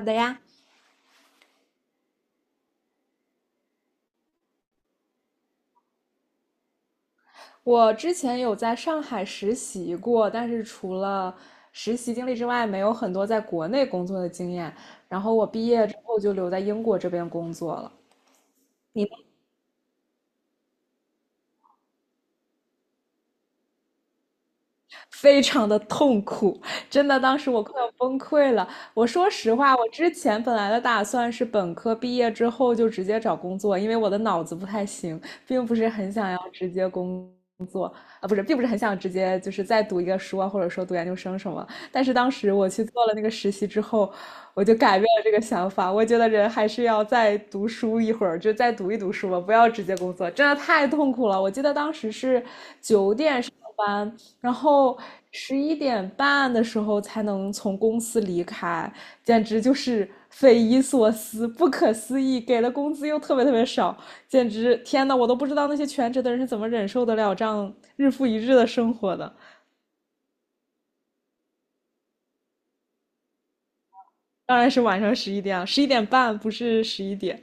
好的呀，我之前有在上海实习过，但是除了实习经历之外，没有很多在国内工作的经验。然后我毕业之后就留在英国这边工作了。你非常的痛苦，真的，当时我快要崩溃了。我说实话，我之前本来的打算是本科毕业之后就直接找工作，因为我的脑子不太行，并不是很想要直接工并不是很想直接就是再读一个书啊，或者说读研究生什么。但是当时我去做了那个实习之后，我就改变了这个想法。我觉得人还是要再读书一会儿，就再读一读书吧，不要直接工作，真的太痛苦了。我记得当时是班，然后十一点半的时候才能从公司离开，简直就是匪夷所思、不可思议。给的工资又特别特别少，简直天呐，我都不知道那些全职的人是怎么忍受得了这样日复一日的生活的。当然是晚上11点啊，11点半不是11点，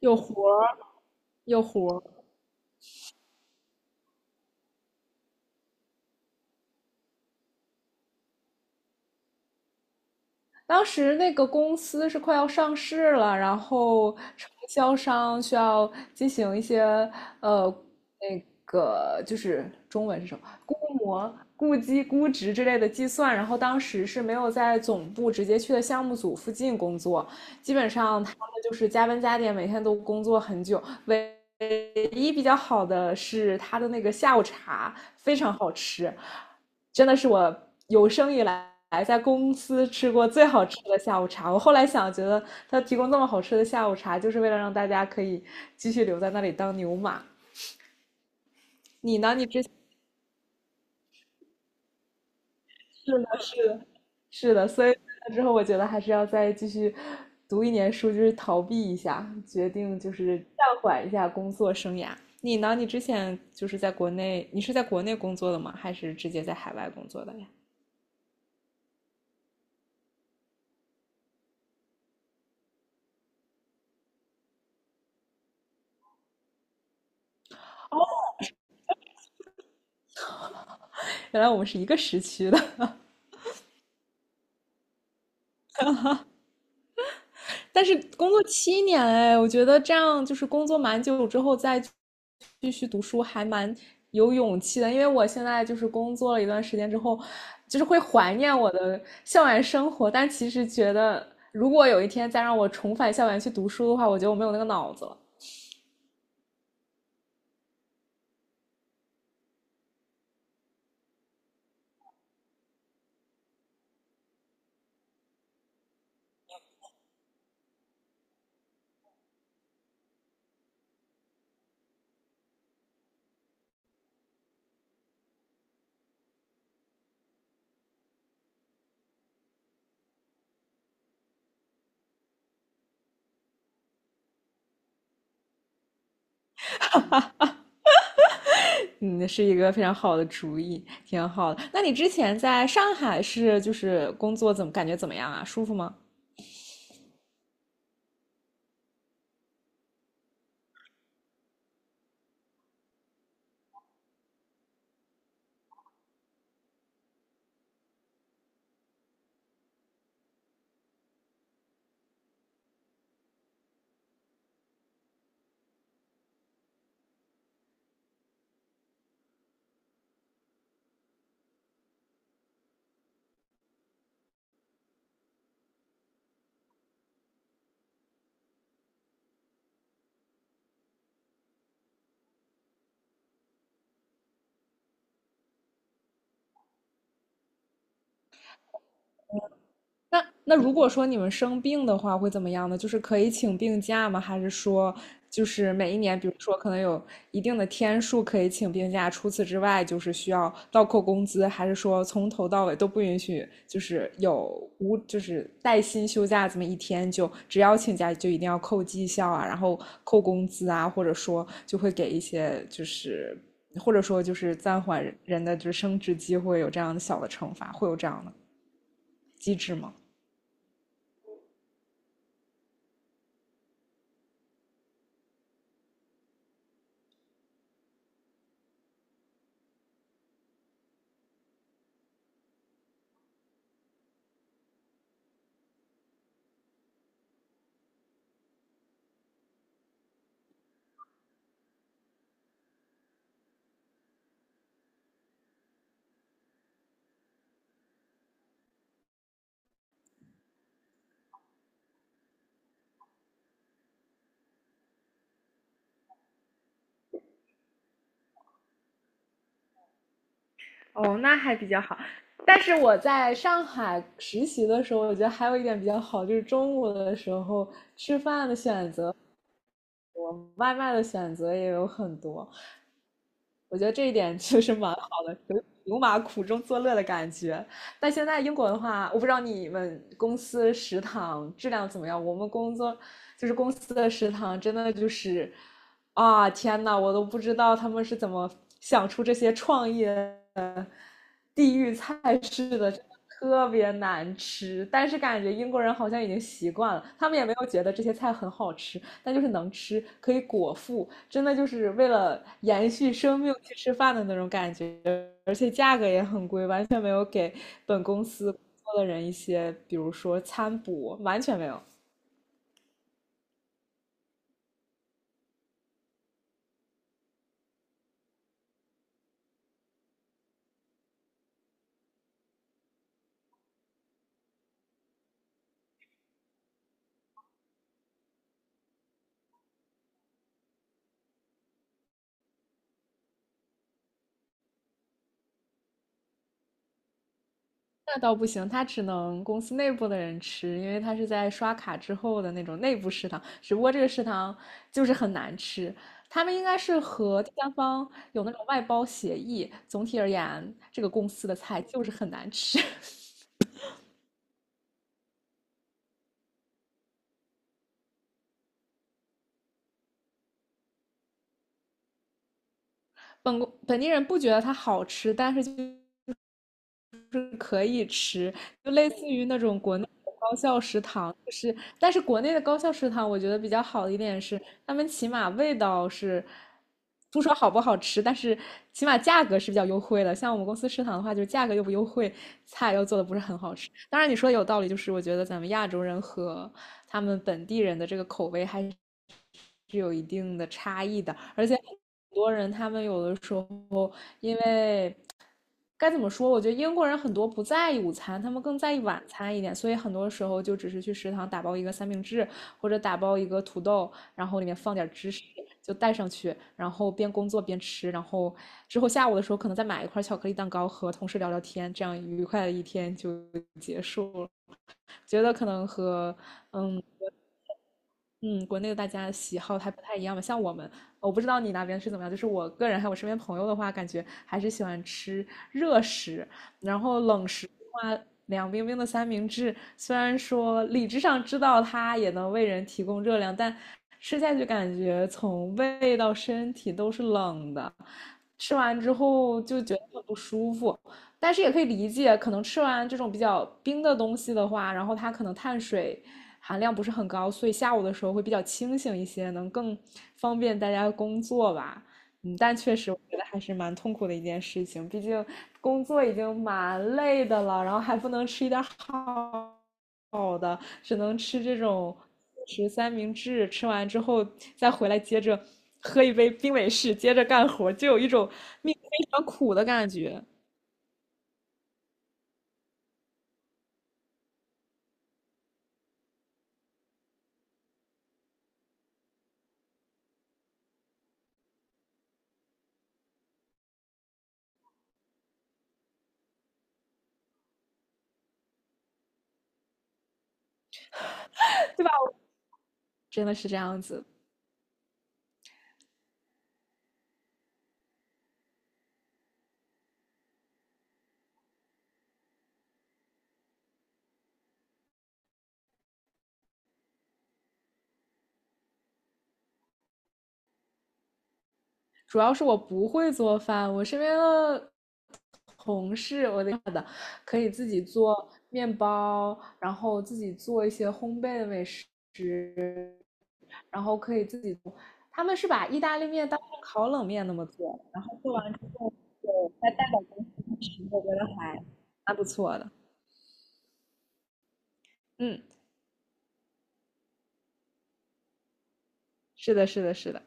有活儿，有活儿。当时那个公司是快要上市了，然后承销商需要进行一些呃那个就是中文是什么估计、估值之类的计算，然后当时是没有在总部直接去的项目组附近工作，基本上他们就是加班加点，每天都工作很久。唯一比较好的是他的那个下午茶非常好吃，真的是我有生以来在公司吃过最好吃的下午茶。我后来想，觉得他提供这么好吃的下午茶，就是为了让大家可以继续留在那里当牛马。你呢？你之前吃的是是的，所以之后我觉得还是要再继续读一年书，就是逃避一下，决定就是暂缓一下工作生涯。你呢？你之前就是在国内，你是在国内工作的吗？还是直接在海外工作的呀？哦，原来我们是一个时区的。但是工作7年哎，我觉得这样就是工作蛮久之后再继续读书还蛮有勇气的，因为我现在就是工作了一段时间之后，就是会怀念我的校园生活，但其实觉得如果有一天再让我重返校园去读书的话，我觉得我没有那个脑子了。嗯，是一个非常好的主意，挺好的。那你之前在上海是就是工作怎么感觉怎么样啊？舒服吗？那如果说你们生病的话，会怎么样呢？就是可以请病假吗？还是说，就是每一年，比如说可能有一定的天数可以请病假，除此之外就是需要倒扣工资，还是说从头到尾都不允许，就是有无就是带薪休假这么一天就，只要请假就一定要扣绩效啊，然后扣工资啊，或者说就会给一些就是或者说就是暂缓人的就是升职机会，有这样的小的惩罚，会有这样的机制吗？哦，那还比较好。但是我在上海实习的时候，我觉得还有一点比较好，就是中午的时候吃饭的选择我外卖的选择也有很多，我觉得这一点确实蛮好的，有牛马苦中作乐的感觉。但现在英国的话，我不知道你们公司食堂质量怎么样。我们工作就是公司的食堂，真的就是啊，天呐，我都不知道他们是怎么想出这些创意的地域菜式的，真的特别难吃。但是感觉英国人好像已经习惯了，他们也没有觉得这些菜很好吃。那就是能吃，可以果腹，真的就是为了延续生命去吃饭的那种感觉，而且价格也很贵，完全没有给本公司工作的人一些，比如说餐补，完全没有。那倒不行，他只能公司内部的人吃，因为他是在刷卡之后的那种内部食堂，只不过这个食堂就是很难吃。他们应该是和第三方有那种外包协议，总体而言，这个公司的菜就是很难吃。本本地人不觉得它好吃，但是就可以吃，就类似于那种国内的高校食堂，就是但是国内的高校食堂，我觉得比较好的一点是，他们起码味道是不说好不好吃，但是起码价格是比较优惠的。像我们公司食堂的话，就是价格又不优惠，菜又做的不是很好吃。当然你说的有道理，就是我觉得咱们亚洲人和他们本地人的这个口味还是有一定的差异的，而且很多人他们有的时候该怎么说？我觉得英国人很多不在意午餐，他们更在意晚餐一点，所以很多时候就只是去食堂打包一个三明治，或者打包一个土豆，然后里面放点芝士，就带上去，然后边工作边吃，然后之后下午的时候可能再买一块巧克力蛋糕和同事聊聊天，这样愉快的一天就结束了。觉得可能和嗯嗯，国内的大家喜好还不太一样吧？像我们，我不知道你那边是怎么样，就是我个人还有我身边朋友的话，感觉还是喜欢吃热食，然后冷食的话，凉冰冰的三明治，虽然说理智上知道它也能为人提供热量，但吃下去感觉从胃到身体都是冷的，吃完之后就觉得很不舒服。但是也可以理解，可能吃完这种比较冰的东西的话，然后它可能碳水含量不是很高，所以下午的时候会比较清醒一些，能更方便大家工作吧。嗯，但确实我觉得还是蛮痛苦的一件事情，毕竟工作已经蛮累的了，然后还不能吃一点好好的，只能吃这种三明治，吃完之后再回来接着喝一杯冰美式，接着干活，就有一种命非常苦的感觉，对吧？真的是这样子，主要是我不会做饭，我身边的同事。可以自己做面包，然后自己做一些烘焙的美食，然后可以自己做。他们是把意大利面当成烤冷面那么做，然后做完之后，就再带到公司吃，我觉得还蛮不错的。嗯，是的，是的，是的，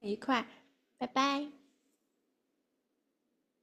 愉快，拜拜。